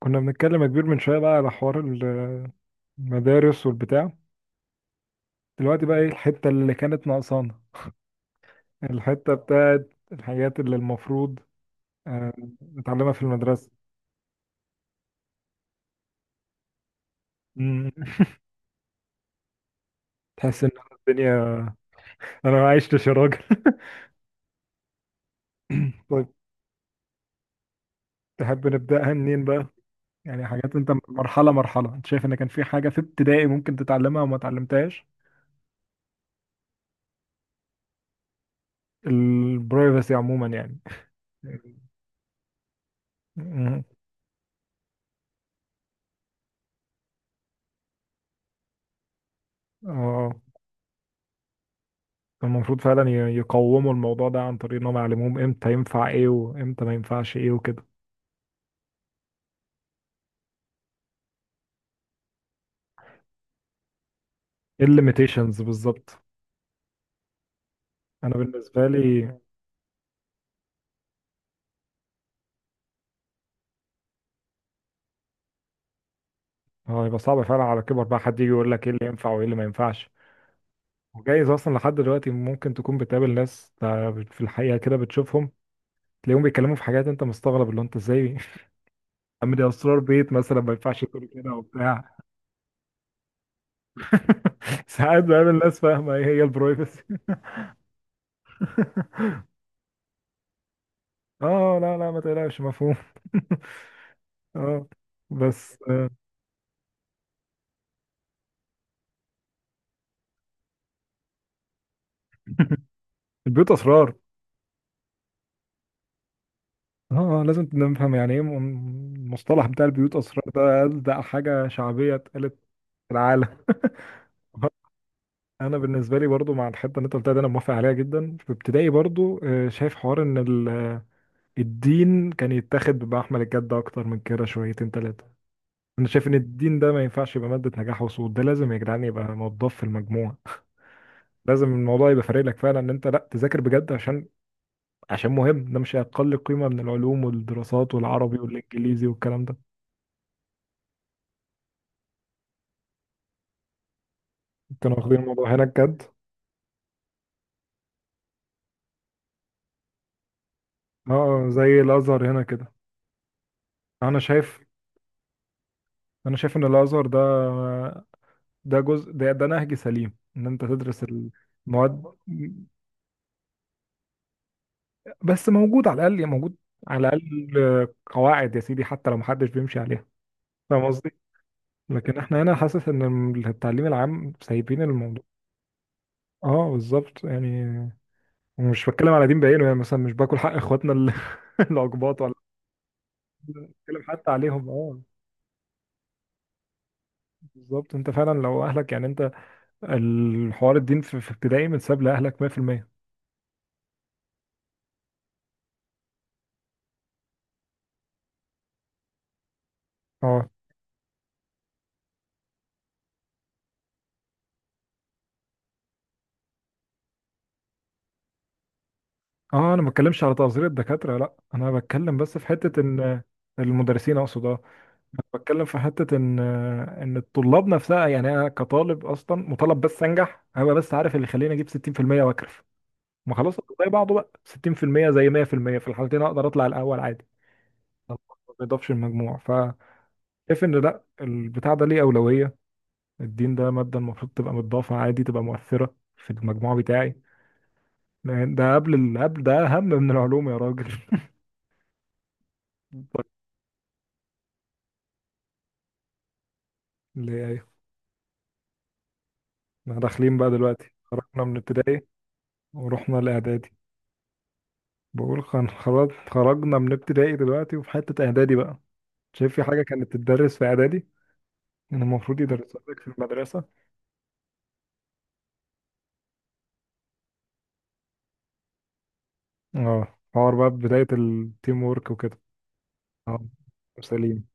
كنا بنتكلم يا كبير من شوية بقى على حوار المدارس والبتاع. دلوقتي بقى ايه الحتة اللي كانت ناقصانا، الحتة بتاعت الحاجات اللي المفروض آه، نتعلمها في المدرسة. مم. تحس ان أنا الدنيا. انا ما عشتش يا راجل. طيب، تحب نبدأها منين بقى؟ يعني حاجات انت، مرحلة مرحلة، انت شايف ان كان في حاجة في ابتدائي ممكن تتعلمها وما اتعلمتهاش. البرايفسي عموما يعني. مم. اه، كان المفروض فعلا يقوموا الموضوع ده عن طريق انهم يعلموهم امتى ينفع ايه وامتى ما ينفعش ايه وكده. ايه الليميتيشنز بالظبط. انا بالنسبه لي اه، هيبقى صعب فعلا على كبر بقى حد يجي يقول لك ايه اللي ينفع وايه اللي ما ينفعش. وجايز اصلا لحد دلوقتي ممكن تكون بتقابل ناس في الحقيقه كده بتشوفهم، تلاقيهم بيتكلموا في حاجات انت مستغرب اللي هو انت ازاي. عم، دي اسرار بيت مثلا ما ينفعش تقول كده وبتاع. ساعات بقابل ناس فاهمه ايه هي البرايفسي. اه، لا لا ما تقلقش مفهوم. اه بس. البيوت اسرار. اه، لازم نفهم يعني ايه المصطلح بتاع البيوت اسرار ده، ده حاجه شعبيه اتقالت في العالم. انا بالنسبه لي برضو مع الحته اللي انت قلتها دي، انا موافق عليها جدا. في ابتدائي برضو شايف حوار ان الدين كان يتاخد بمحمل الجد اكتر من كده شويتين ثلاثه. انا شايف ان الدين ده ما ينفعش يبقى ماده نجاح وسقوط، ده لازم يا جدعان يبقى موضوع في المجموع. لازم الموضوع يبقى فارق لك فعلا ان انت لا تذاكر بجد عشان مهم. ده مش اقل قيمه من العلوم والدراسات والعربي والانجليزي والكلام ده. كانوا واخدين الموضوع هناك جد. اه زي الازهر هنا كده. انا شايف انا شايف ان الازهر ده، ده جزء، ده، ده نهج سليم ان انت تدرس المواد. بس موجود، على الاقل موجود، على الاقل قواعد يا سيدي حتى لو محدش بيمشي عليها. فاهم قصدي. لكن احنا هنا حاسس ان التعليم العام سايبين الموضوع. اه بالظبط يعني. مش بتكلم على دين بعينه يعني، مثلا مش باكل حق اخواتنا الاقباط ولا. بتكلم حتى عليهم اه. بالظبط، انت فعلا لو اهلك يعني انت، الحوار الدين في ابتدائي متساب لأهلك 100%. اه اه، انا ما بتكلمش على تقصير الدكاترة، لا، انا بتكلم بس في حتة ان المدرسين اقصد اه. أنا بتكلم في حتة ان ان الطلاب نفسها، يعني انا كطالب اصلا مطالب بس انجح، هبقى بس عارف اللي يخليني اجيب 60% واكرف. ما خلاص، زي بعضه بقى، 60% زي 100% في المية، في الحالتين اقدر اطلع الاول عادي. ما بيضافش المجموع، فشايف ان لا، البتاع ده ليه اولوية. الدين ده مادة المفروض تبقى متضافة عادي، تبقى مؤثرة في المجموع بتاعي. يعني ده قبل ال، قبل ده اهم من العلوم يا راجل. ليه، ايوه، احنا داخلين بقى دلوقتي، خرجنا من ابتدائي ورحنا الاعدادي. بقول خرجنا من ابتدائي دلوقتي، وفي حتة اعدادي بقى، شايف في حاجة كانت تدرس في اعدادي، كان المفروض يدرسها لك في المدرسة. اه حوار بقى بداية التيم وورك وكده. اه سليم.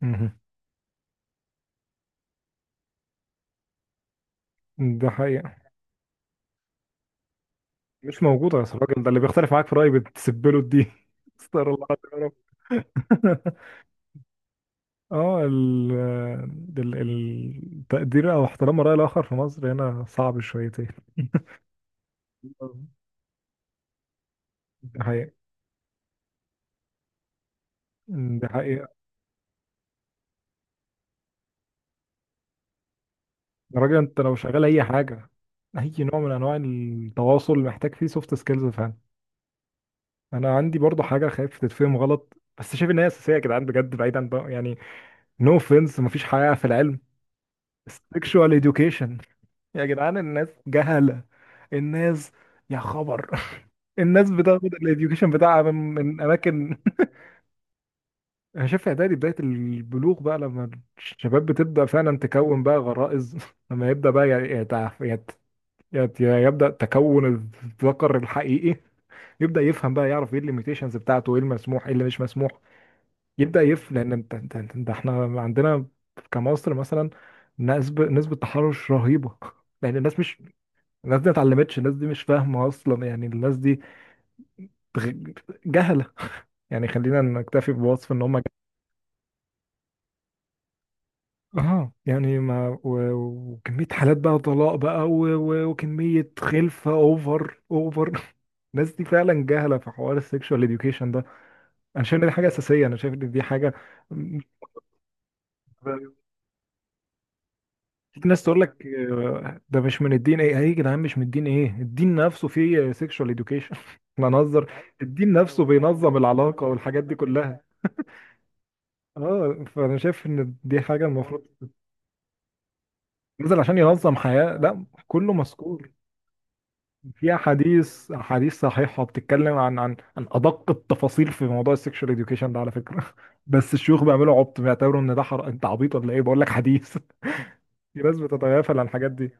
مهم. ده حقيقة. مش موجودة يا أستاذ. الراجل ده اللي بيختلف معاك في رأيي بتسبله الدين. استغفر الله العظيم، يا رب. اه التقدير او احترام الرأي الآخر في مصر هنا صعب شويتين. ده حقيقة، ده حقيقة. يا راجل انت لو شغال اي حاجة، اي نوع من انواع التواصل محتاج فيه سوفت سكيلز فعلا. انا عندي برضو حاجة خايف تتفهم غلط، بس شايف ان هي اساسية يا جدعان بجد، بعيدا بقى يعني، نو اوفنس، مفيش حقيقة في العلم. sexual education. يا جدعان الناس جهلة. الناس، يا خبر. الناس بتاخد الاديوكيشن بتاعها من اماكن. انا شايف يا دادي بدايه البلوغ بقى، لما الشباب بتبدا فعلا تكون بقى غرائز، لما يبدا بقى يبدا تكون الذكر الحقيقي، يبدا يفهم بقى، يعرف ايه الليميتيشنز بتاعته، ايه المسموح ايه اللي مش مسموح. يبدا يف، لان انت ده، احنا عندنا كمصر مثلا نسبه تحرش رهيبه. لان الناس مش، الناس دي ما اتعلمتش، الناس دي مش فاهمه اصلا يعني، الناس دي بغ- جهله. يعني خلينا نكتفي بوصف ان هم اه يعني. ما و- وكمية حالات بقى طلاق بقى، وكمية خلفة اوفر اوفر. الناس دي فعلا جاهلة في حوار السكشوال اديوكيشن ده. انا شايف ان دي حاجة م- في ناس تقول لك ده مش من الدين. ايه يا جدعان مش من الدين؟ ايه، الدين نفسه فيه سكشوال اديوكيشن. احنا نهزر. الدين نفسه بينظم العلاقة والحاجات دي كلها. اه، فانا شايف ان دي حاجة المفروض. نزل عشان ينظم حياة، لا كله مذكور. في احاديث، احاديث صحيحه بتتكلم عن عن ادق التفاصيل في موضوع السكشوال اديوكيشن ده على فكره. بس الشيوخ بيعملوا عبط، بيعتبروا ان ده حر، انت عبيط ولا ايه، بقول لك حديث. في ناس بتتغافل عن الحاجات دي.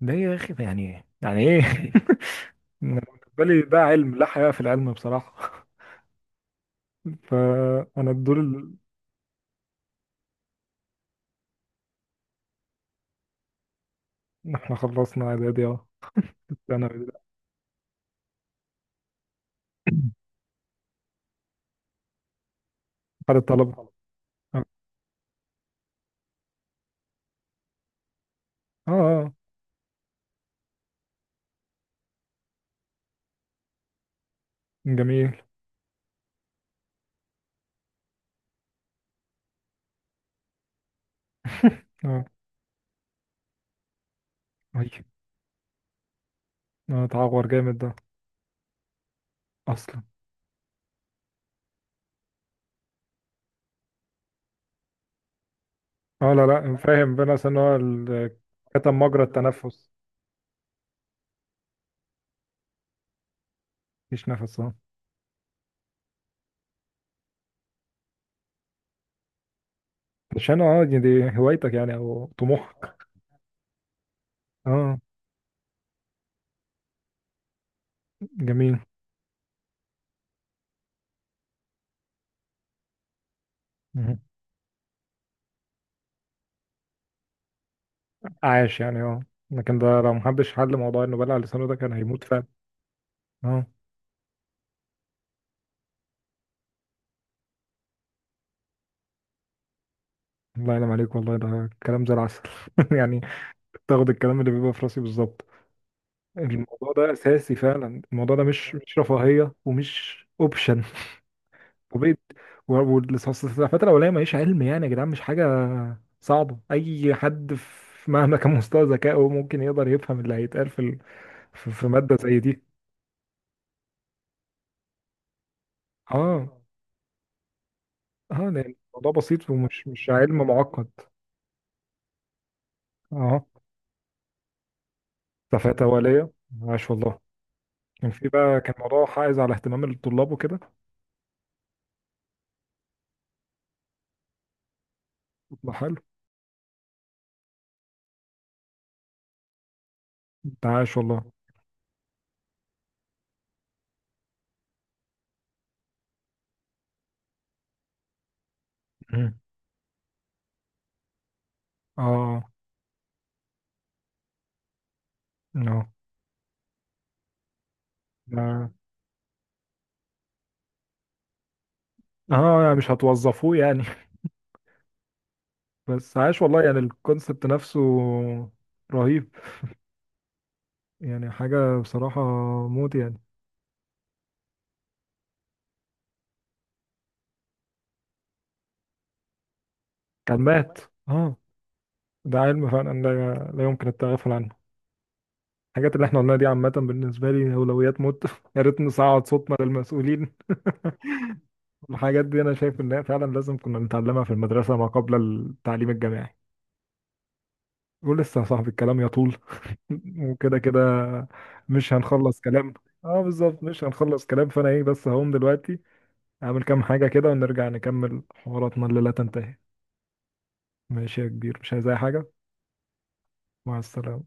ده يا اخي يعني ايه؟ يعني ايه؟ أنا بالنسبه لي ده علم، لا حياء في العلم بصراحه. فانا دول ال. احنا خلصنا اعدادي اه. انا حال الطلبه. اه اه. جميل. اه. أي. اه تعور جامد ده. اصلا. اه لا لا، فاهم، بين، اصلا هو كتم مجرى التنفس، مفيش نفس اه. عشان اه، دي دي هوايتك يعني او طموحك. اه. جميل. مهم. عاش يعني اه. لكن ده لو محدش حل موضوع انه بلع لسانه ده كان هيموت فعلا. اه. الله ينعم عليك والله، ده كلام زي العسل. يعني تاخد الكلام اللي بيبقى في راسي بالظبط. الموضوع ده اساسي فعلا، الموضوع ده مش رفاهية ومش اوبشن. وبيت. والفترة الأولانية ماليش علم، يعني يا جدعان مش حاجة صعبة، أي حد في مهما كان مستوى ذكائه ممكن يقدر يفهم اللي هيتقال في في مادة زي دي. اه اه، لأن الموضوع بسيط ومش، مش علم معقد. اه. سفاتة أولية. عاش والله. كان في بقى، كان موضوع حائز على اهتمام الطلاب وكده. ده حلو. ده عاش والله. مم. اه اه، ده، اه يعني مش هتوظفوه يعني. بس عاش والله يعني، الكونسبت نفسه رهيب. يعني حاجة بصراحة موت يعني. كان مات اه. ده علم فعلا لا، لا يمكن التغافل عنه. الحاجات اللي احنا قلناها دي عامة بالنسبة لي أولويات موت. يا ريت نصعد صوتنا للمسؤولين. الحاجات دي أنا شايف إنها فعلا لازم كنا نتعلمها في المدرسة ما قبل التعليم الجامعي. ولسه يا صاحبي الكلام يطول. وكده كده مش هنخلص كلام. اه بالظبط مش هنخلص كلام، فأنا ايه بس، هقوم دلوقتي أعمل كام حاجة كده ونرجع نكمل حواراتنا اللي لا تنتهي. ماشي يا كبير، مش عايز أي حاجة. مع السلامة.